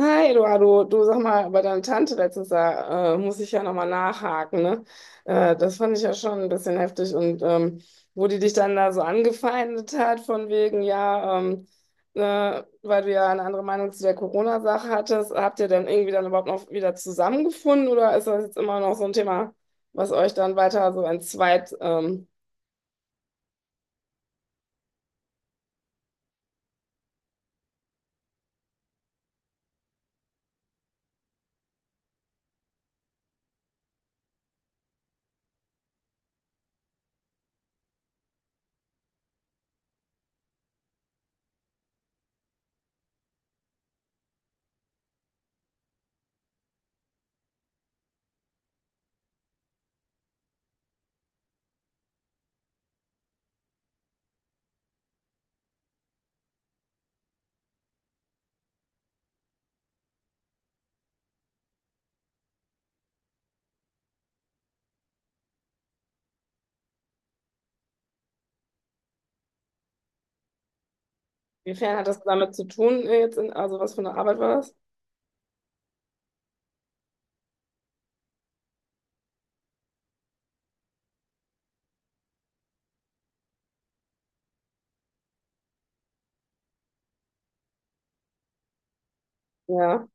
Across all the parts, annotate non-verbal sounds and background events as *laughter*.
Hi, Eduardo, du sag mal, bei deiner Tante letztens, da muss ich ja nochmal nachhaken, ne? Das fand ich ja schon ein bisschen heftig, und wo die dich dann da so angefeindet hat, von wegen, ja, weil du ja eine andere Meinung zu der Corona-Sache hattest, habt ihr dann irgendwie dann überhaupt noch wieder zusammengefunden, oder ist das jetzt immer noch so ein Thema, was euch dann weiter so entzweit? Inwiefern hat das damit zu tun jetzt? Also was für eine Arbeit war das? Ja.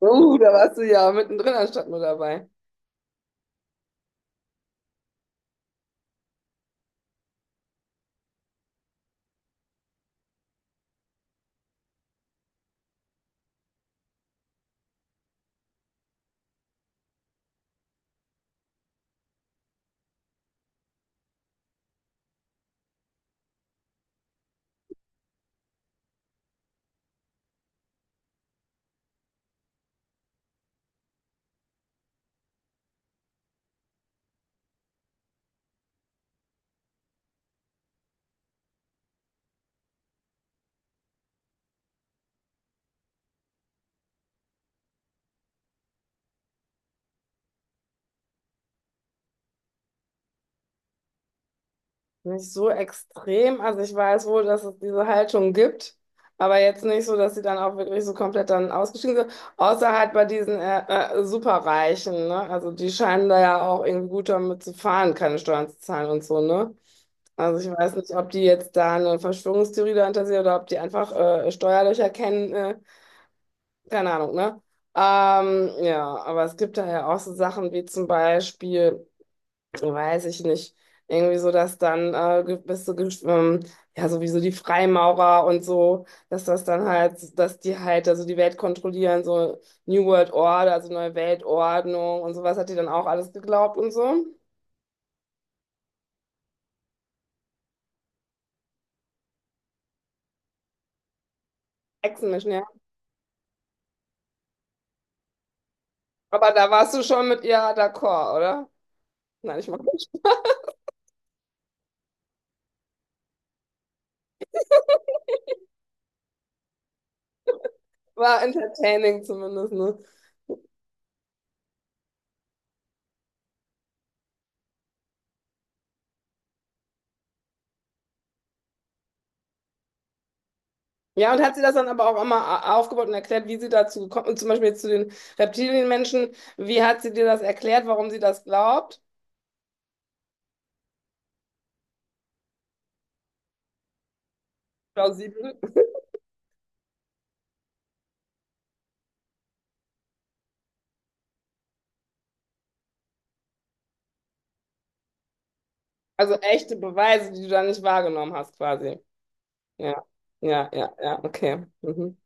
Oh, da warst du ja mittendrin anstatt nur dabei. Nicht so extrem. Also ich weiß wohl, dass es diese Haltung gibt, aber jetzt nicht so, dass sie dann auch wirklich so komplett dann ausgestiegen sind. Außer halt bei diesen Superreichen, ne? Also die scheinen da ja auch irgendwie gut damit zu fahren, keine Steuern zu zahlen und so, ne? Also ich weiß nicht, ob die jetzt da eine Verschwörungstheorie dahinter sehen oder ob die einfach Steuerlöcher kennen, keine Ahnung, ne? Ja, aber es gibt da ja auch so Sachen wie zum Beispiel, weiß ich nicht, irgendwie so, dass dann gewisse, ja, sowieso die Freimaurer und so, dass das dann halt, dass die halt also die Welt kontrollieren, so New World Order, also neue Weltordnung und sowas hat die dann auch alles geglaubt und so. Echsenmenschen, ja. Aber da warst du schon mit ihr d'accord, oder? Nein, ich mach nicht. War entertaining zumindest, ne? Ja, und hat sie das dann aber auch immer aufgebaut und erklärt, wie sie dazu gekommen ist, zum Beispiel jetzt zu den Reptilienmenschen, wie hat sie dir das erklärt, warum sie das glaubt? Plausibel. Also echte Beweise, die du da nicht wahrgenommen hast, quasi. Ja, ja, ja, ja, okay. Mhm.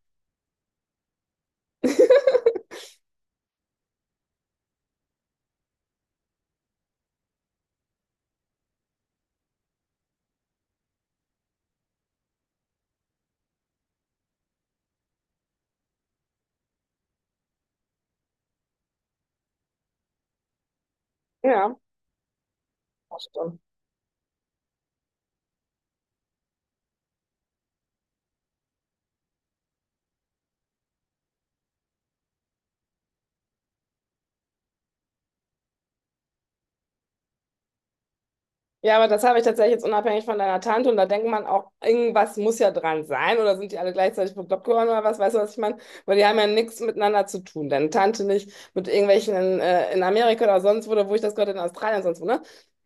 *laughs* Ja, das stimmt. Ja, aber das habe ich tatsächlich jetzt unabhängig von deiner Tante, und da denkt man auch, irgendwas muss ja dran sein, oder sind die alle gleichzeitig bekloppt geworden oder was, weißt du, was ich meine? Weil die haben ja nichts miteinander zu tun. Deine Tante nicht mit irgendwelchen in Amerika oder sonst wo, oder wo ich das gehört habe, in Australien sonst wo, ne?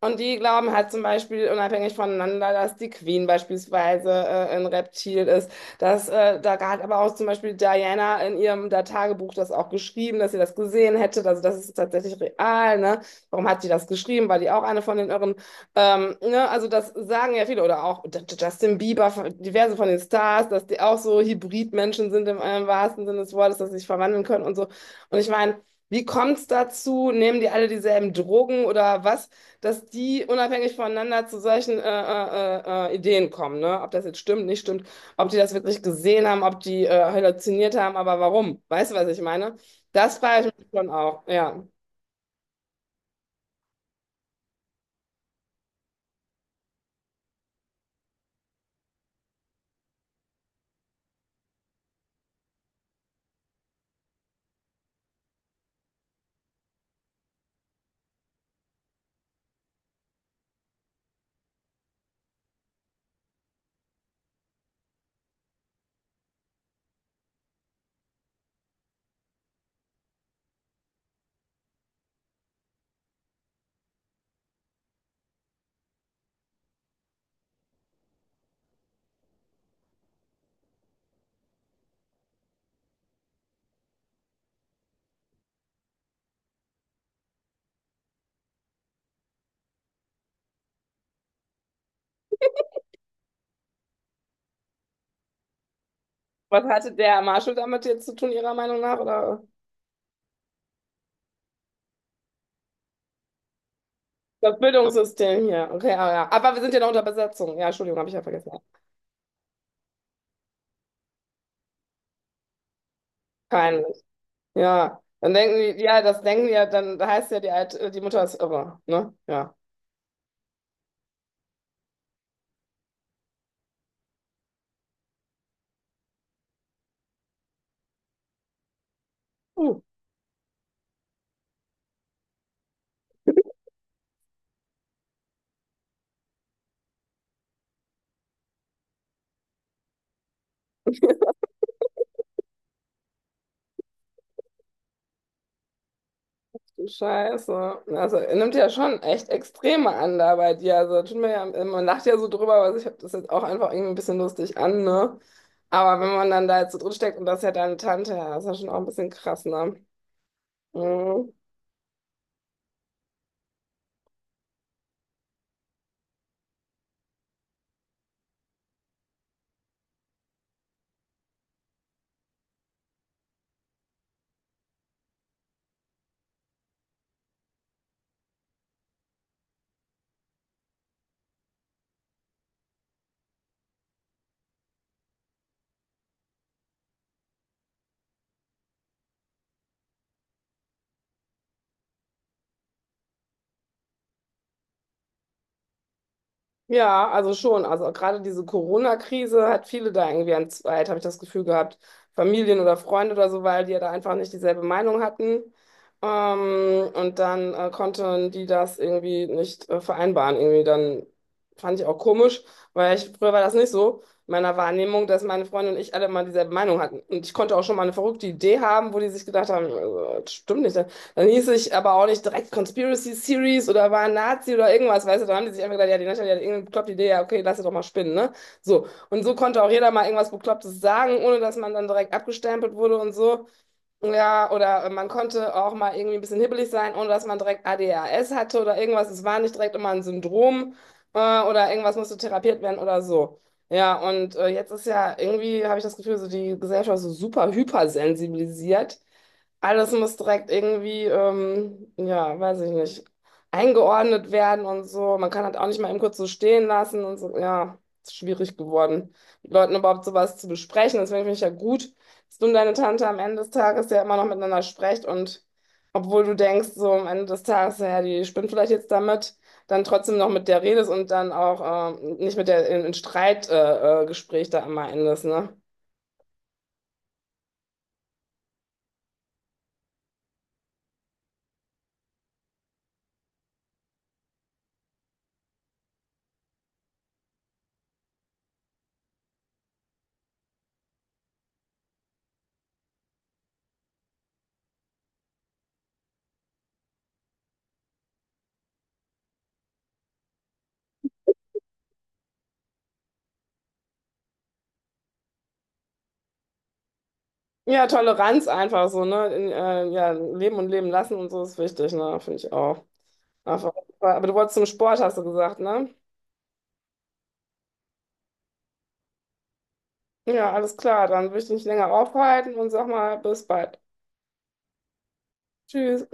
Und die glauben halt zum Beispiel unabhängig voneinander, dass die Queen beispielsweise ein Reptil ist. Da hat aber auch zum Beispiel Diana in ihrem da Tagebuch das auch geschrieben, dass sie das gesehen hätte. Also das ist tatsächlich real, ne? Warum hat die das geschrieben? War die auch eine von den irren, ne, also das sagen ja viele, oder auch Justin Bieber, diverse von den Stars, dass die auch so Hybridmenschen sind im, wahrsten Sinne des Wortes, dass sie sich verwandeln können und so. Und ich meine, wie kommt's dazu? Nehmen die alle dieselben Drogen oder was, dass die unabhängig voneinander zu solchen Ideen kommen, ne? Ob das jetzt stimmt, nicht stimmt, ob die das wirklich gesehen haben, ob die halluziniert haben, aber warum? Weißt du, was ich meine? Das frage ich mich schon auch, ja. Was hatte der Marshall damit jetzt zu tun, Ihrer Meinung nach, oder? Das Bildungssystem hier. Okay, ah, ja. Aber wir sind ja noch unter Besetzung. Ja, Entschuldigung, habe ich ja vergessen. Peinlich. Ja. Dann denken die, ja, das denken die ja, dann heißt ja, die, Alt, die Mutter ist irre, ne? Ja. Hm, du Scheiße. Also, er nimmt ja schon echt Extreme an da bei dir. Also, tut mir ja, man lacht ja so drüber, aber ich habe das jetzt auch einfach irgendwie ein bisschen lustig an, ne? Aber wenn man dann da jetzt so drin steckt und das ist ja deine Tante, ja, das ist ja schon auch ein bisschen krass, ne? Mhm. Ja, also schon. Also gerade diese Corona-Krise hat viele da irgendwie entzweit, habe ich das Gefühl gehabt. Familien oder Freunde oder so, weil die ja da einfach nicht dieselbe Meinung hatten. Und dann konnten die das irgendwie nicht vereinbaren. Irgendwie dann fand ich auch komisch, weil ich, früher war das nicht so, in meiner Wahrnehmung, dass meine Freunde und ich alle immer dieselbe Meinung hatten. Und ich konnte auch schon mal eine verrückte Idee haben, wo die sich gedacht haben, das stimmt nicht, dann hieß ich aber auch nicht direkt Conspiracy Series oder war ein Nazi oder irgendwas, weißt du, dann haben die sich einfach gedacht, ja, die Natalie hat irgendeine bekloppte Idee, ja, okay, lass sie doch mal spinnen, ne? So. Und so konnte auch jeder mal irgendwas Beklopptes sagen, ohne dass man dann direkt abgestempelt wurde und so. Ja, oder man konnte auch mal irgendwie ein bisschen hibbelig sein, ohne dass man direkt ADHS hatte oder irgendwas. Es war nicht direkt immer ein Syndrom, oder irgendwas musste therapiert werden oder so. Ja, und jetzt ist ja irgendwie, habe ich das Gefühl, so die Gesellschaft ist so super hypersensibilisiert. Alles muss direkt irgendwie, ja, weiß ich nicht, eingeordnet werden und so. Man kann halt auch nicht mal eben kurz so stehen lassen und so. Ja, ist schwierig geworden, mit Leuten überhaupt sowas zu besprechen. Deswegen finde ich ja gut, dass du und deine Tante am Ende des Tages ja immer noch miteinander sprecht, und obwohl du denkst, so am Ende des Tages, ja, die spinnt vielleicht jetzt damit, dann trotzdem noch mit der redest und dann auch nicht mit der in Streitgespräch Gespräch da immer endest, ne? Ja, Toleranz einfach so, ne? Ja, leben und leben lassen und so ist wichtig, ne? Finde ich auch. Einfach, aber du wolltest zum Sport, hast du gesagt, ne? Ja, alles klar, dann will ich dich nicht länger aufhalten und sag mal, bis bald. Tschüss.